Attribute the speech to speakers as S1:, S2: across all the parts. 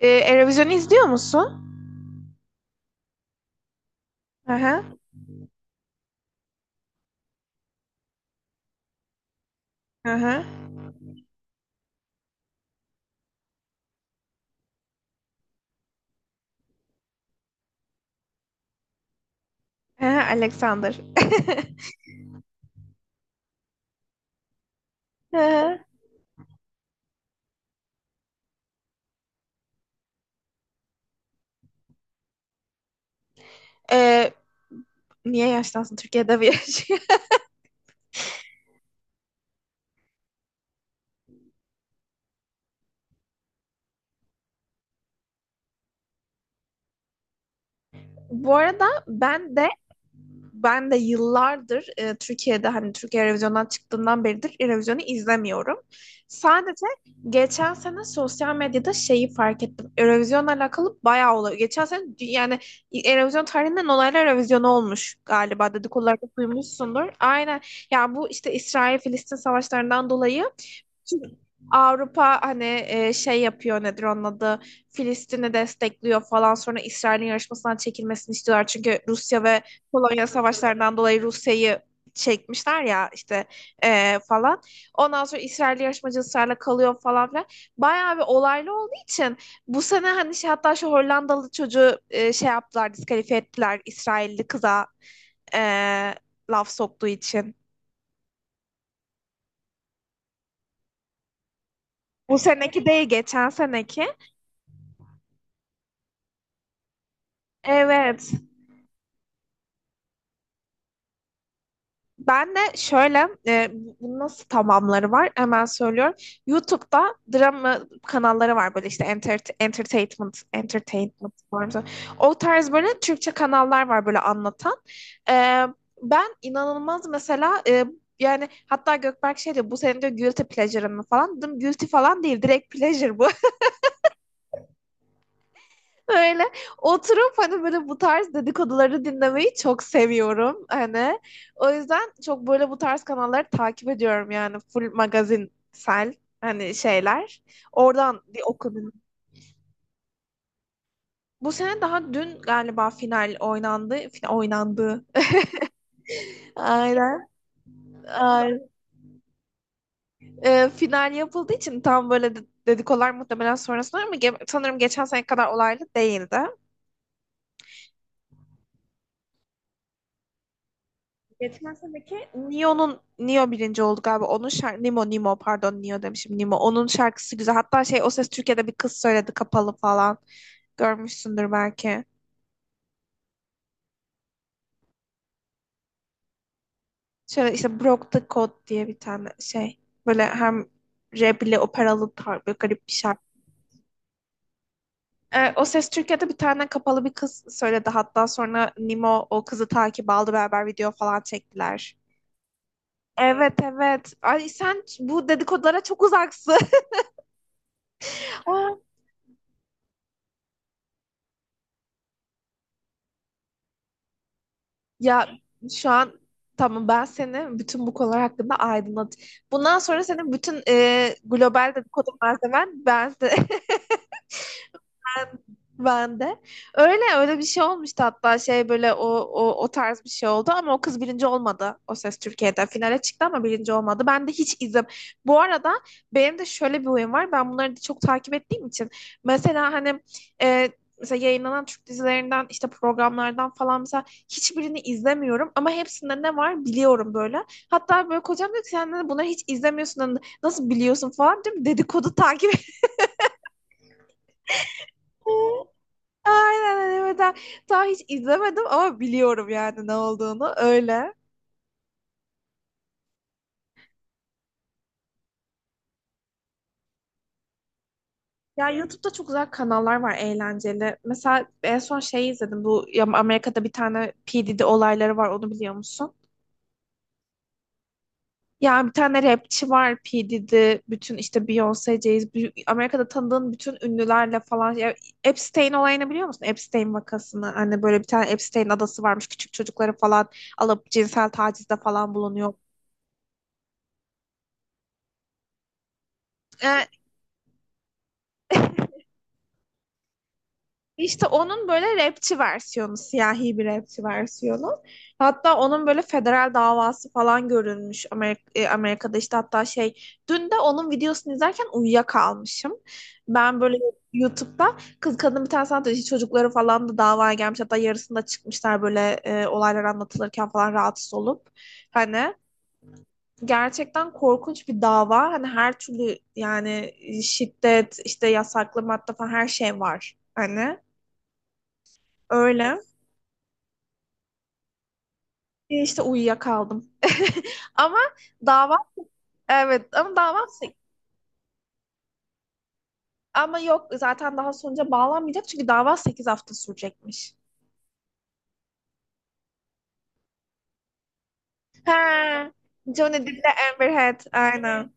S1: Eurovision'u izliyor musun? Hı hı. Hı hı. Hı hı, Alexander. Hı hı. Ee, niye yaşlansın? Türkiye'de bir yaşıyor. Bu arada ben de yıllardır Türkiye'de hani Türkiye Eurovision'dan çıktığından beridir Eurovision'u izlemiyorum. Sadece geçen sene sosyal medyada şeyi fark ettim. Eurovision'la alakalı bayağı olay. Yani Eurovision tarihinden olaylar Eurovision olmuş galiba dedikodularda duymuşsundur. Aynen. Ya bu işte İsrail-Filistin savaşlarından dolayı Avrupa hani şey yapıyor nedir onun adı Filistin'i destekliyor falan sonra İsrail'in yarışmasından çekilmesini istiyorlar. Çünkü Rusya ve Polonya savaşlarından dolayı Rusya'yı çekmişler ya işte falan. Ondan sonra İsrail yarışmacı ısrarla kalıyor falan filan. Bayağı bir olaylı olduğu için bu sene hani şey hatta şu Hollandalı çocuğu şey yaptılar diskalifiye ettiler İsrailli kıza e, laf soktuğu için. Bu seneki değil geçen seneki. Evet. Ben de şöyle, nasıl tamamları var hemen söylüyorum. YouTube'da drama kanalları var böyle işte entertainment, entertainment var. Mı? O tarz böyle Türkçe kanallar var böyle anlatan. E, ben inanılmaz mesela yani hatta Gökberk şey diyor bu senin diyor guilty pleasure'ın mı falan. Dedim guilty falan değil direkt pleasure bu. Öyle oturup hani böyle bu tarz dedikoduları dinlemeyi çok seviyorum hani. O yüzden çok böyle bu tarz kanalları takip ediyorum yani full magazinsel hani şeyler. Oradan bir okudum. Bu sene daha dün galiba final oynandı. Oynandı. Aynen. Ay- Final yapıldığı için tam böyle dedikodular muhtemelen sonrasında ama sanırım geçen sene kadar olaylı değildi. Neo birinci oldu galiba. Onun şarkı Nemo pardon Neo demişim Nemo. Onun şarkısı güzel. Hatta şey o ses Türkiye'de bir kız söyledi kapalı falan. Görmüşsündür belki. Şöyle işte Broke the Code diye bir tane şey. Böyle hem rap ile operalı tar böyle garip bir şarkı. O ses Türkiye'de bir tane kapalı bir kız söyledi. Hatta sonra Nemo o kızı takip aldı beraber video falan çektiler. Evet evet. Ay sen bu dedikodulara çok uzaksın. Ya şu an tamam ben seni bütün bu konular hakkında aydınlat. Bundan sonra senin bütün global dedikodu malzemen ben ben de. Öyle öyle bir şey olmuştu hatta şey böyle o tarz bir şey oldu ama o kız birinci olmadı. O Ses Türkiye'de finale çıktı ama birinci olmadı. Ben de hiç izim. Bu arada benim de şöyle bir huyum var. Ben bunları da çok takip ettiğim için. Mesela hani e, mesela yayınlanan Türk dizilerinden işte programlardan falan mesela hiçbirini izlemiyorum ama hepsinde ne var biliyorum böyle. Hatta böyle kocam diyor ki sen de bunları hiç izlemiyorsun hani nasıl biliyorsun falan diyorum. Dedikodu takip aynen evet. Daha hiç izlemedim ama biliyorum yani ne olduğunu. Öyle. Ya YouTube'da çok güzel kanallar var eğlenceli. Mesela en son şey izledim. Bu ya Amerika'da bir tane P. Diddy olayları var. Onu biliyor musun? Ya bir tane rapçi var P. Diddy. Bütün işte Beyoncé, Jay-Z. Amerika'da tanıdığın bütün ünlülerle falan. Ya Epstein olayını biliyor musun? Epstein vakasını. Hani böyle bir tane Epstein adası varmış. Küçük çocukları falan alıp cinsel tacizde falan bulunuyor. Ee, İşte onun böyle rapçi versiyonu, siyahi bir rapçi versiyonu. Hatta onun böyle federal davası falan görülmüş Amerika, Amerika'da işte hatta şey dün de onun videosunu izlerken uyuyakalmışım. Ben böyle YouTube'da kız kadın bir tane sanat işi çocukları falan da davaya gelmiş hatta yarısında çıkmışlar böyle olaylar anlatılırken falan rahatsız olup hani gerçekten korkunç bir dava hani her türlü yani şiddet işte yasaklı madde falan her şey var hani öyle. İşte uyuyakaldım. Ama dava evet ama dava sek- Ama yok zaten daha sonuca bağlanmayacak çünkü dava 8 hafta sürecekmiş. He. Johnny Depp ile Amber Heard aynen.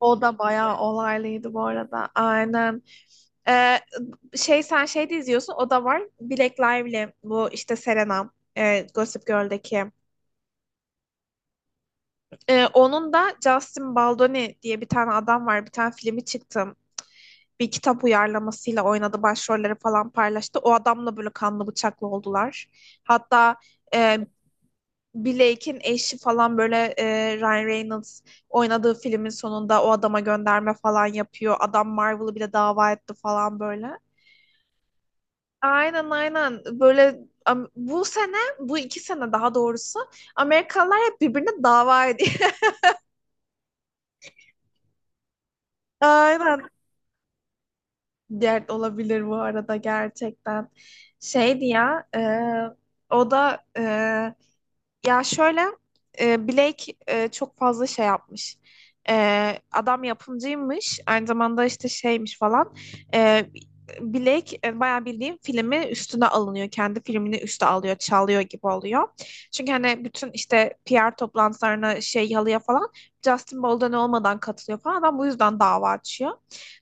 S1: O da bayağı olaylıydı bu arada. Aynen. Ee, şey sen şey de izliyorsun o da var. Black Lively bu işte Serena Gossip Girl'deki. Onun da Justin Baldoni diye bir tane adam var. Bir tane filmi çıktı. Bir kitap uyarlamasıyla oynadı. Başrolleri falan paylaştı. O adamla böyle kanlı bıçaklı oldular. Hatta e, Blake'in eşi falan böyle Ryan Reynolds oynadığı filmin sonunda o adama gönderme falan yapıyor. Adam Marvel'ı bile dava etti falan böyle. Aynen aynen böyle bu sene bu iki sene daha doğrusu Amerikalılar hep birbirine dava ediyor. Aynen. Dert olabilir bu arada gerçekten. Şeydi ya e, o da e, Ya şöyle Blake çok fazla şey yapmış. Adam yapımcıymış. Aynı zamanda işte şeymiş falan. E, Blake bayağı bildiğim filmi üstüne alınıyor. Kendi filmini üste alıyor, çalıyor gibi oluyor. Çünkü hani bütün işte PR toplantılarına şey halıya falan Justin Bolden olmadan katılıyor falan. Adam bu yüzden dava açıyor.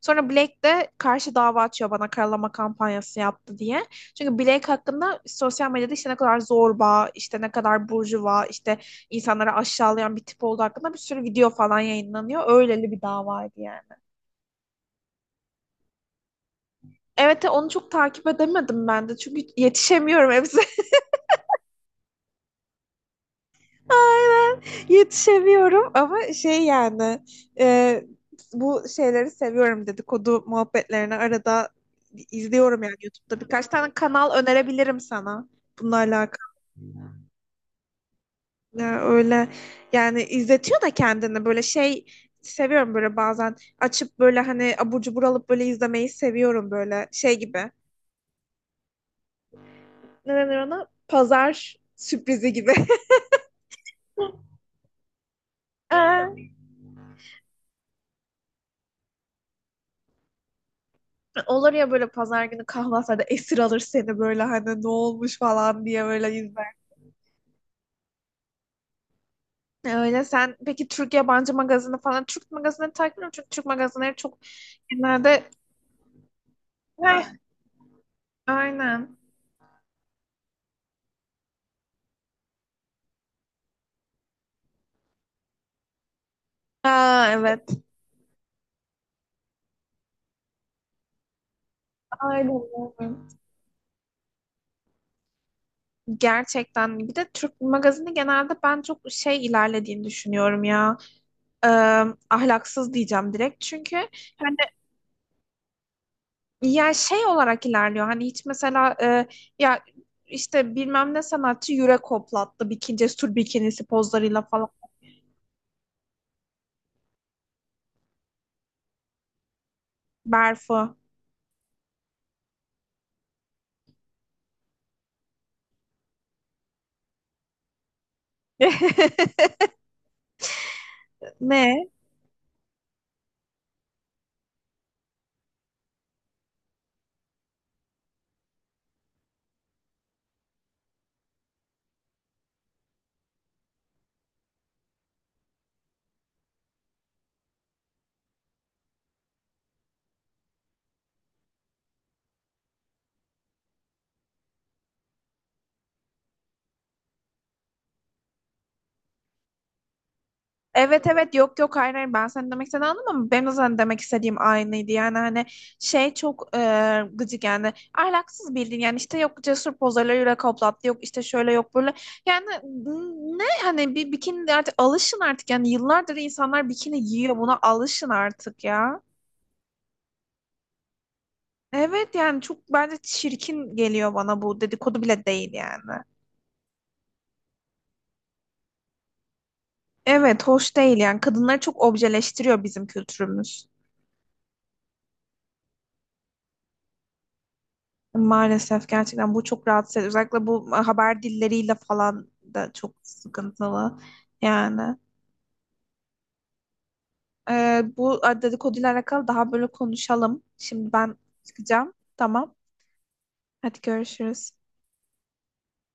S1: Sonra Blake de karşı dava açıyor bana karalama kampanyası yaptı diye. Çünkü Blake hakkında sosyal medyada işte ne kadar zorba, işte ne kadar burjuva, işte insanları aşağılayan bir tip olduğu hakkında bir sürü video falan yayınlanıyor. Öyleli bir davaydı yani. Evet onu çok takip edemedim ben de çünkü yetişemiyorum hepsi. Aynen yetişemiyorum ama şey yani e, bu şeyleri seviyorum dedikodu muhabbetlerini arada izliyorum yani YouTube'da. Birkaç tane kanal önerebilirim sana bunlarla alakalı. Ya öyle yani izletiyor da kendini böyle şey seviyorum böyle bazen açıp böyle hani abur cubur alıp böyle izlemeyi seviyorum böyle şey gibi. Ne denir ona? Pazar sürprizi gibi. Ee, olur ya böyle pazar günü kahvaltıda esir alır seni böyle hani ne olmuş falan diye böyle izler. Öyle sen peki Türk yabancı magazini falan Türk magazinleri takip ediyorum çünkü Türk magazinleri çok genelde Heh, aynen. Aa evet. Aynen. Gerçekten bir de Türk magazini genelde ben çok şey ilerlediğini düşünüyorum ya Ee, ahlaksız diyeceğim direkt çünkü hani ya şey olarak ilerliyor hani hiç mesela ya işte bilmem ne sanatçı yürek hoplattı bikini cesur bikinisi pozlarıyla falan Berfu ne evet evet yok yok hayır hayır ben seni demek istediğini anladım ama benim de sana demek istediğim aynıydı yani hani şey çok gıcık yani ahlaksız bildiğin yani işte yok cesur pozlarıyla yürek hoplattı yok işte şöyle yok böyle yani ne hani bir bikini de artık alışın artık yani yıllardır insanlar bikini giyiyor buna alışın artık ya. Evet yani çok bence çirkin geliyor bana bu dedikodu bile değil yani. Evet hoş değil yani kadınları çok objeleştiriyor bizim kültürümüz. Maalesef gerçekten bu çok rahatsız ediyor. Özellikle bu haber dilleriyle falan da çok sıkıntılı. Yani bu dedikoduyla alakalı daha böyle konuşalım. Şimdi ben çıkacağım. Tamam. Hadi görüşürüz.